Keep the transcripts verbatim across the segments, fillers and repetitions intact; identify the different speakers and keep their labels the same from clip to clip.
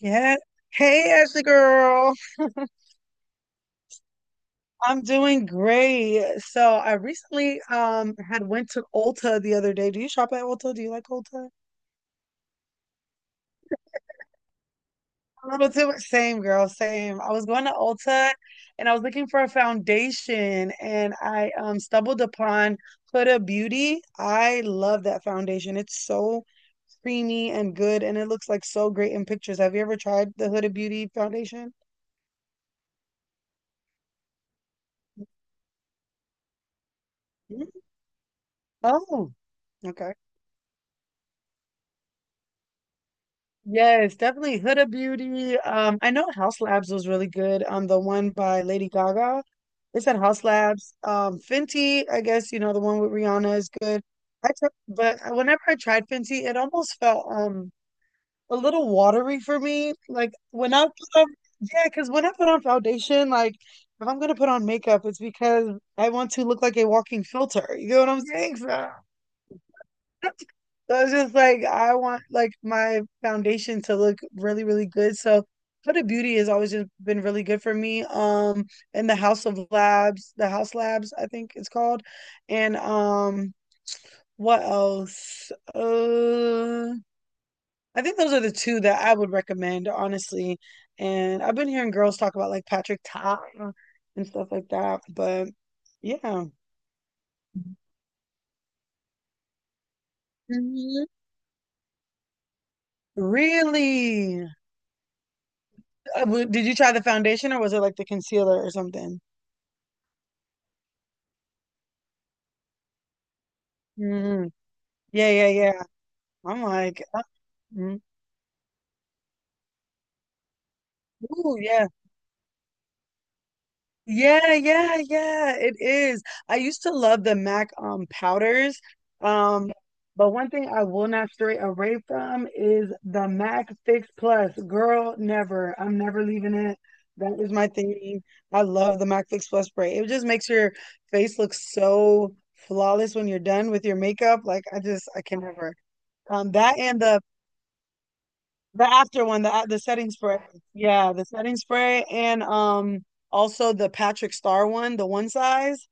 Speaker 1: Yeah. Hey, Ashley girl. I'm doing great. So I recently um had went to Ulta the other day. Do you shop at Ulta? Do you like Ulta? A little too much. Same girl, same. I was going to Ulta and I was looking for a foundation and I um stumbled upon Huda Beauty. I love that foundation. It's so creamy and good and it looks like so great in pictures. Have you ever tried the Huda Beauty foundation? Mm. Oh, okay. Yes, definitely Huda Beauty. Um, I know House Labs was really good. Um, the one by Lady Gaga. It's at House Labs. Um, Fenty, I guess, you know, the one with Rihanna is good. I tr But whenever I tried Fenty, it almost felt um a little watery for me. Like when I put on, yeah, because when I put on foundation, like if I'm gonna put on makeup, it's because I want to look like a walking filter. You know what I'm saying? So so it's just like I want like my foundation to look really, really good. So Huda Beauty has always just been really good for me. Um, and the House of Labs, the House Labs, I think it's called. And um, what else? Uh, I think those are the two that I would recommend, honestly. And I've been hearing girls talk about like Patrick Ta and stuff like that, but yeah. Mhm. Really? Uh, w- Did you try the foundation or was it like the concealer or something? Mm, yeah, yeah, yeah. I'm like, uh, mm, ooh, yeah. Yeah, yeah, yeah, it is. I used to love the M A C um powders. Um, but one thing I will not stray away from is the M A C Fix Plus. Girl, never. I'm never leaving it. That is my thing. I love the M A C Fix Plus spray. It just makes your face look so flawless when you're done with your makeup. Like I just I can never. Um, that and the The after one, the uh, the setting spray. Yeah, the setting spray and um also the Patrick Star one, the one size.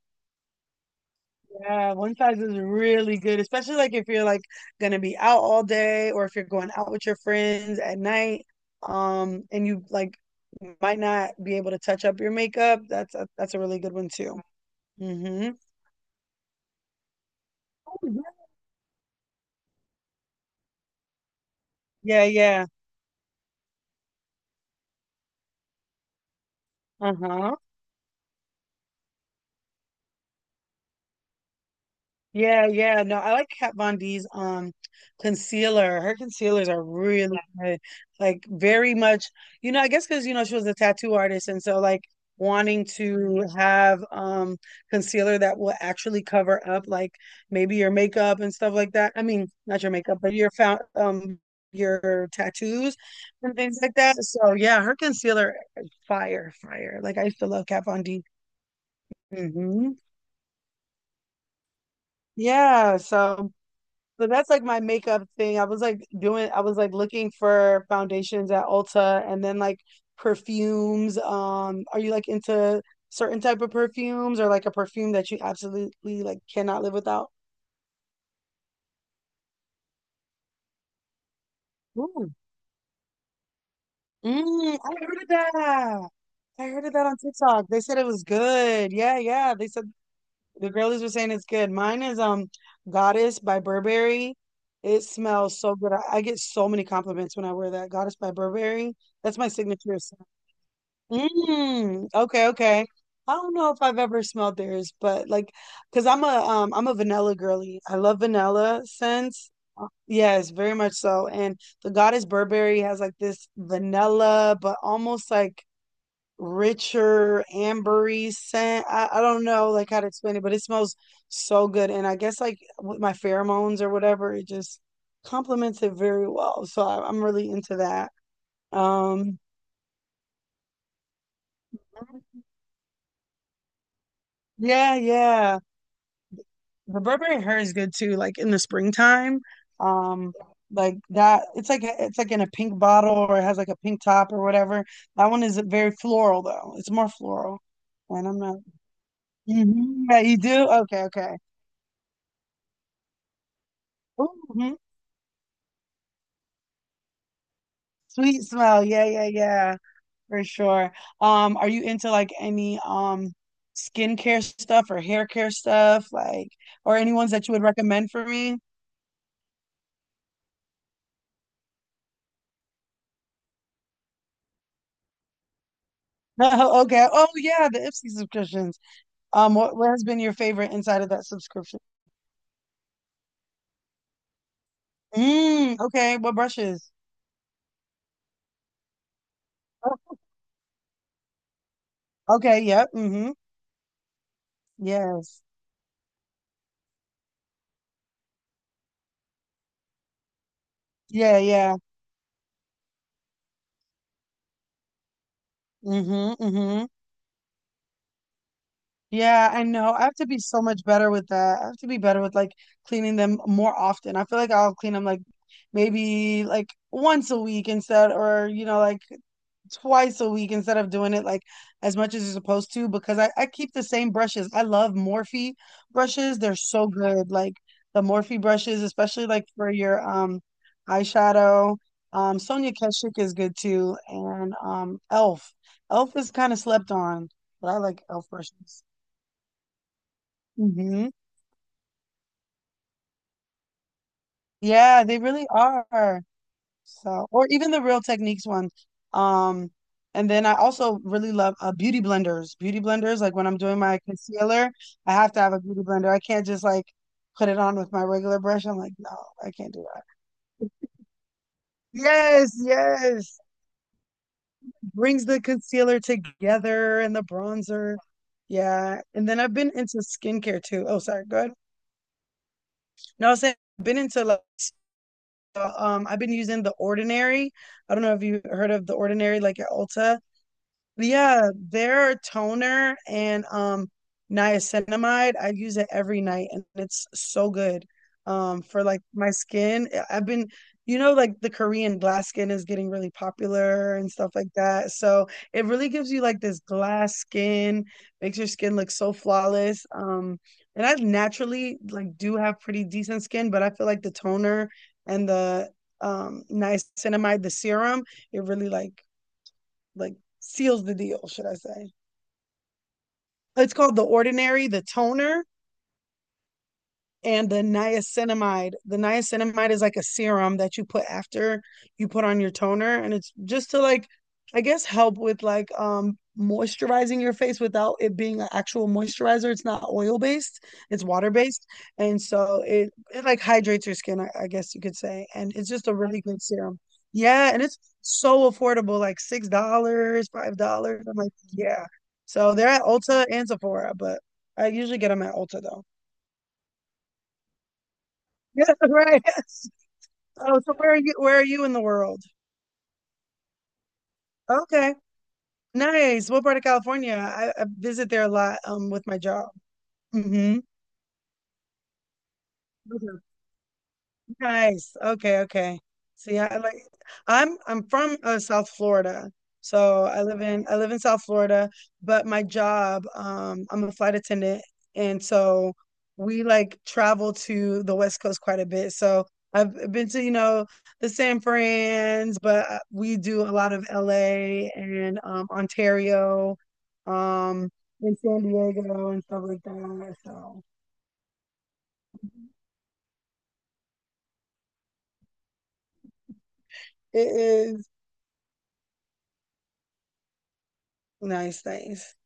Speaker 1: Yeah, one size is really good, especially like if you're like gonna be out all day or if you're going out with your friends at night, um, and you like might not be able to touch up your makeup. That's a, that's a really good one too. Mm-hmm. Yeah, yeah. Uh-huh. Yeah, yeah. No, I like Kat Von D's um concealer. Her concealers are really good. Like very much, you know, I guess because you know she was a tattoo artist and so like wanting to have um concealer that will actually cover up like maybe your makeup and stuff like that. I mean, not your makeup, but your found um your tattoos and things like that. So yeah, her concealer fire, fire. Like I used to love Kat Von D. Hmm. Yeah, so So that's like my makeup thing. I was like doing, I was like looking for foundations at Ulta and then like perfumes. Um, are you like into certain type of perfumes or like a perfume that you absolutely like cannot live without? Ooh. Mm, I heard of that. I heard of that on TikTok. They said it was good. Yeah, yeah. They said the girlies were saying it's good. Mine is um Goddess by Burberry. It smells so good. I, I get so many compliments when I wear that. Goddess by Burberry. That's my signature. Mm, okay, okay. I don't know if I've ever smelled theirs, but like, cause I'm a um I'm a vanilla girly. I love vanilla scents. Uh, Yes, very much so. And the Goddess Burberry has like this vanilla, but almost like richer ambery scent. I, I don't know like how to explain it, but it smells so good. And I guess like with my pheromones or whatever, it just complements it very well. So I, I'm really into that. Um, yeah, yeah. The Burberry hair is good too, like in the springtime. Um, like that it's like it's like in a pink bottle or it has like a pink top or whatever. That one is very floral though. It's more floral. And I'm not Mhm. Yeah, you do? Okay, okay. Hmm. Sweet smell. Yeah, yeah, yeah. For sure. Um, are you into like any um skincare stuff or hair care stuff, like or any ones that you would recommend for me? No, okay. Oh yeah, the Ipsy subscriptions. Um, what, what has been your favorite inside of that subscription? Mm, okay, what brushes? Oh, okay, yep. Mm-hmm. Yes. Yeah, yeah. Mm-hmm. Mm-hmm. Yeah, I know. I have to be so much better with that. I have to be better with like cleaning them more often. I feel like I'll clean them like maybe like once a week instead, or you know, like twice a week instead of doing it like as much as you're supposed to because I, I keep the same brushes. I love Morphe brushes. They're so good. Like the Morphe brushes, especially like for your um eyeshadow. Um Sonia Keshik is good too. And um Elf. Elf is kind of slept on, but I like Elf brushes. Hmm. Yeah, they really are. So, or even the Real Techniques one. Um, and then I also really love uh, beauty blenders. Beauty blenders, like when I'm doing my concealer, I have to have a beauty blender. I can't just like put it on with my regular brush. I'm like, no, I can't do that. Yes, yes. Brings the concealer together and the bronzer. Yeah. And then I've been into skincare too. Oh, sorry. Go ahead. No, I was saying I've been into like s- uh, um I've been using The Ordinary. I don't know if you heard of The Ordinary like at Ulta. Yeah, their toner and um niacinamide, I use it every night and it's so good. Um for like my skin, I- I've been you know like the Korean glass skin is getting really popular and stuff like that. So it really gives you like this glass skin, makes your skin look so flawless. Um and I naturally like do have pretty decent skin, but I feel like the toner and the um niacinamide, the serum, it really like like seals the deal, should I say. It's called The Ordinary, the toner and the niacinamide. The niacinamide is like a serum that you put after you put on your toner, and it's just to like, I guess, help with like um moisturizing your face without it being an actual moisturizer. It's not oil based; it's water based, and so it it like hydrates your skin, I, I guess you could say. And it's just a really good serum. Yeah, and it's so affordable, like six dollars, five dollars. I'm like, yeah. So they're at Ulta and Sephora, but I usually get them at Ulta though. Yeah, right. Yes. Oh, so where are you? Where are you in the world? Okay, nice. What part of California? I, I visit there a lot um with my job. Mm-hmm. Nice. Okay, okay. See, I like I'm I'm from uh, South Florida. So I live in I live in South Florida, but my job, um, I'm a flight attendant, and so we like travel to the West Coast quite a bit. So I've been to, you know, the San Fran's, but uh, we do a lot of L A and um, Ontario, um, and San Diego and stuff like that. So it is nice, nice.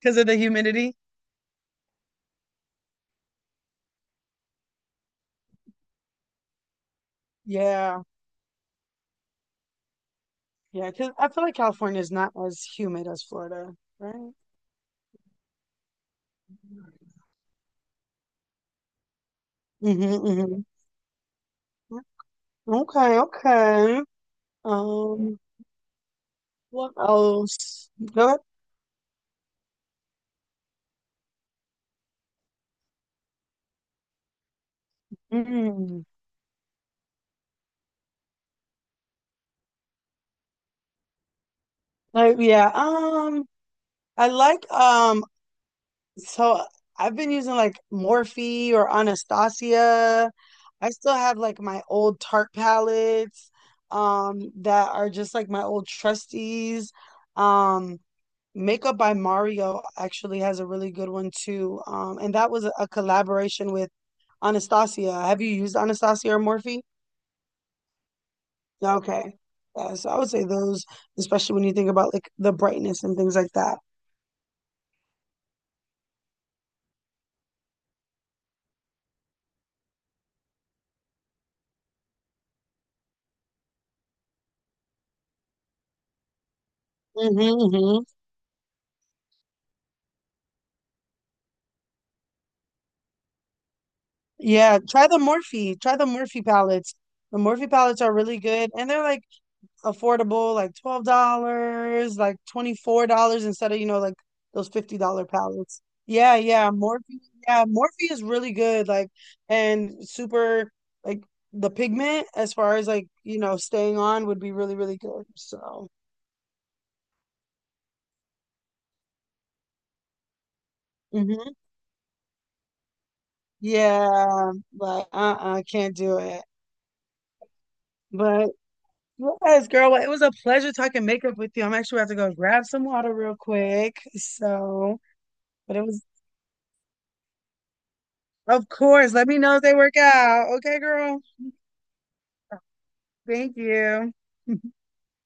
Speaker 1: Because of the humidity. Yeah, yeah. Because I feel like California is not as humid as Florida, right? Mm-hmm. Hmm. Okay, okay. Um, what else? Go ahead. Mm. Like, yeah. Um, I like um. So I've been using like Morphe or Anastasia. I still have like my old Tarte palettes, um, that are just like my old trustees. Um, Makeup by Mario actually has a really good one too. Um, and that was a collaboration with Anastasia. Have you used Anastasia or Morphe? Yeah, okay. Yeah, so I would say those, especially when you think about like the brightness and things like that. Mm-hmm. Hmm. Yeah, try the Morphe. Try the Morphe palettes. The Morphe palettes are really good, and they're like affordable, like twelve dollars, like twenty four dollars instead of you know like those fifty dollar palettes. Yeah, yeah, Morphe. Yeah, Morphe is really good. Like and super like The pigment as far as like you know staying on would be really really good. So. Hmm. Yeah, like uh-uh, can't do it. But yes, girl, well, it was a pleasure talking makeup with you. I'm actually about to go grab some water real quick. So, but it was Of course. Let me know if they work out. Okay, girl. Thank you.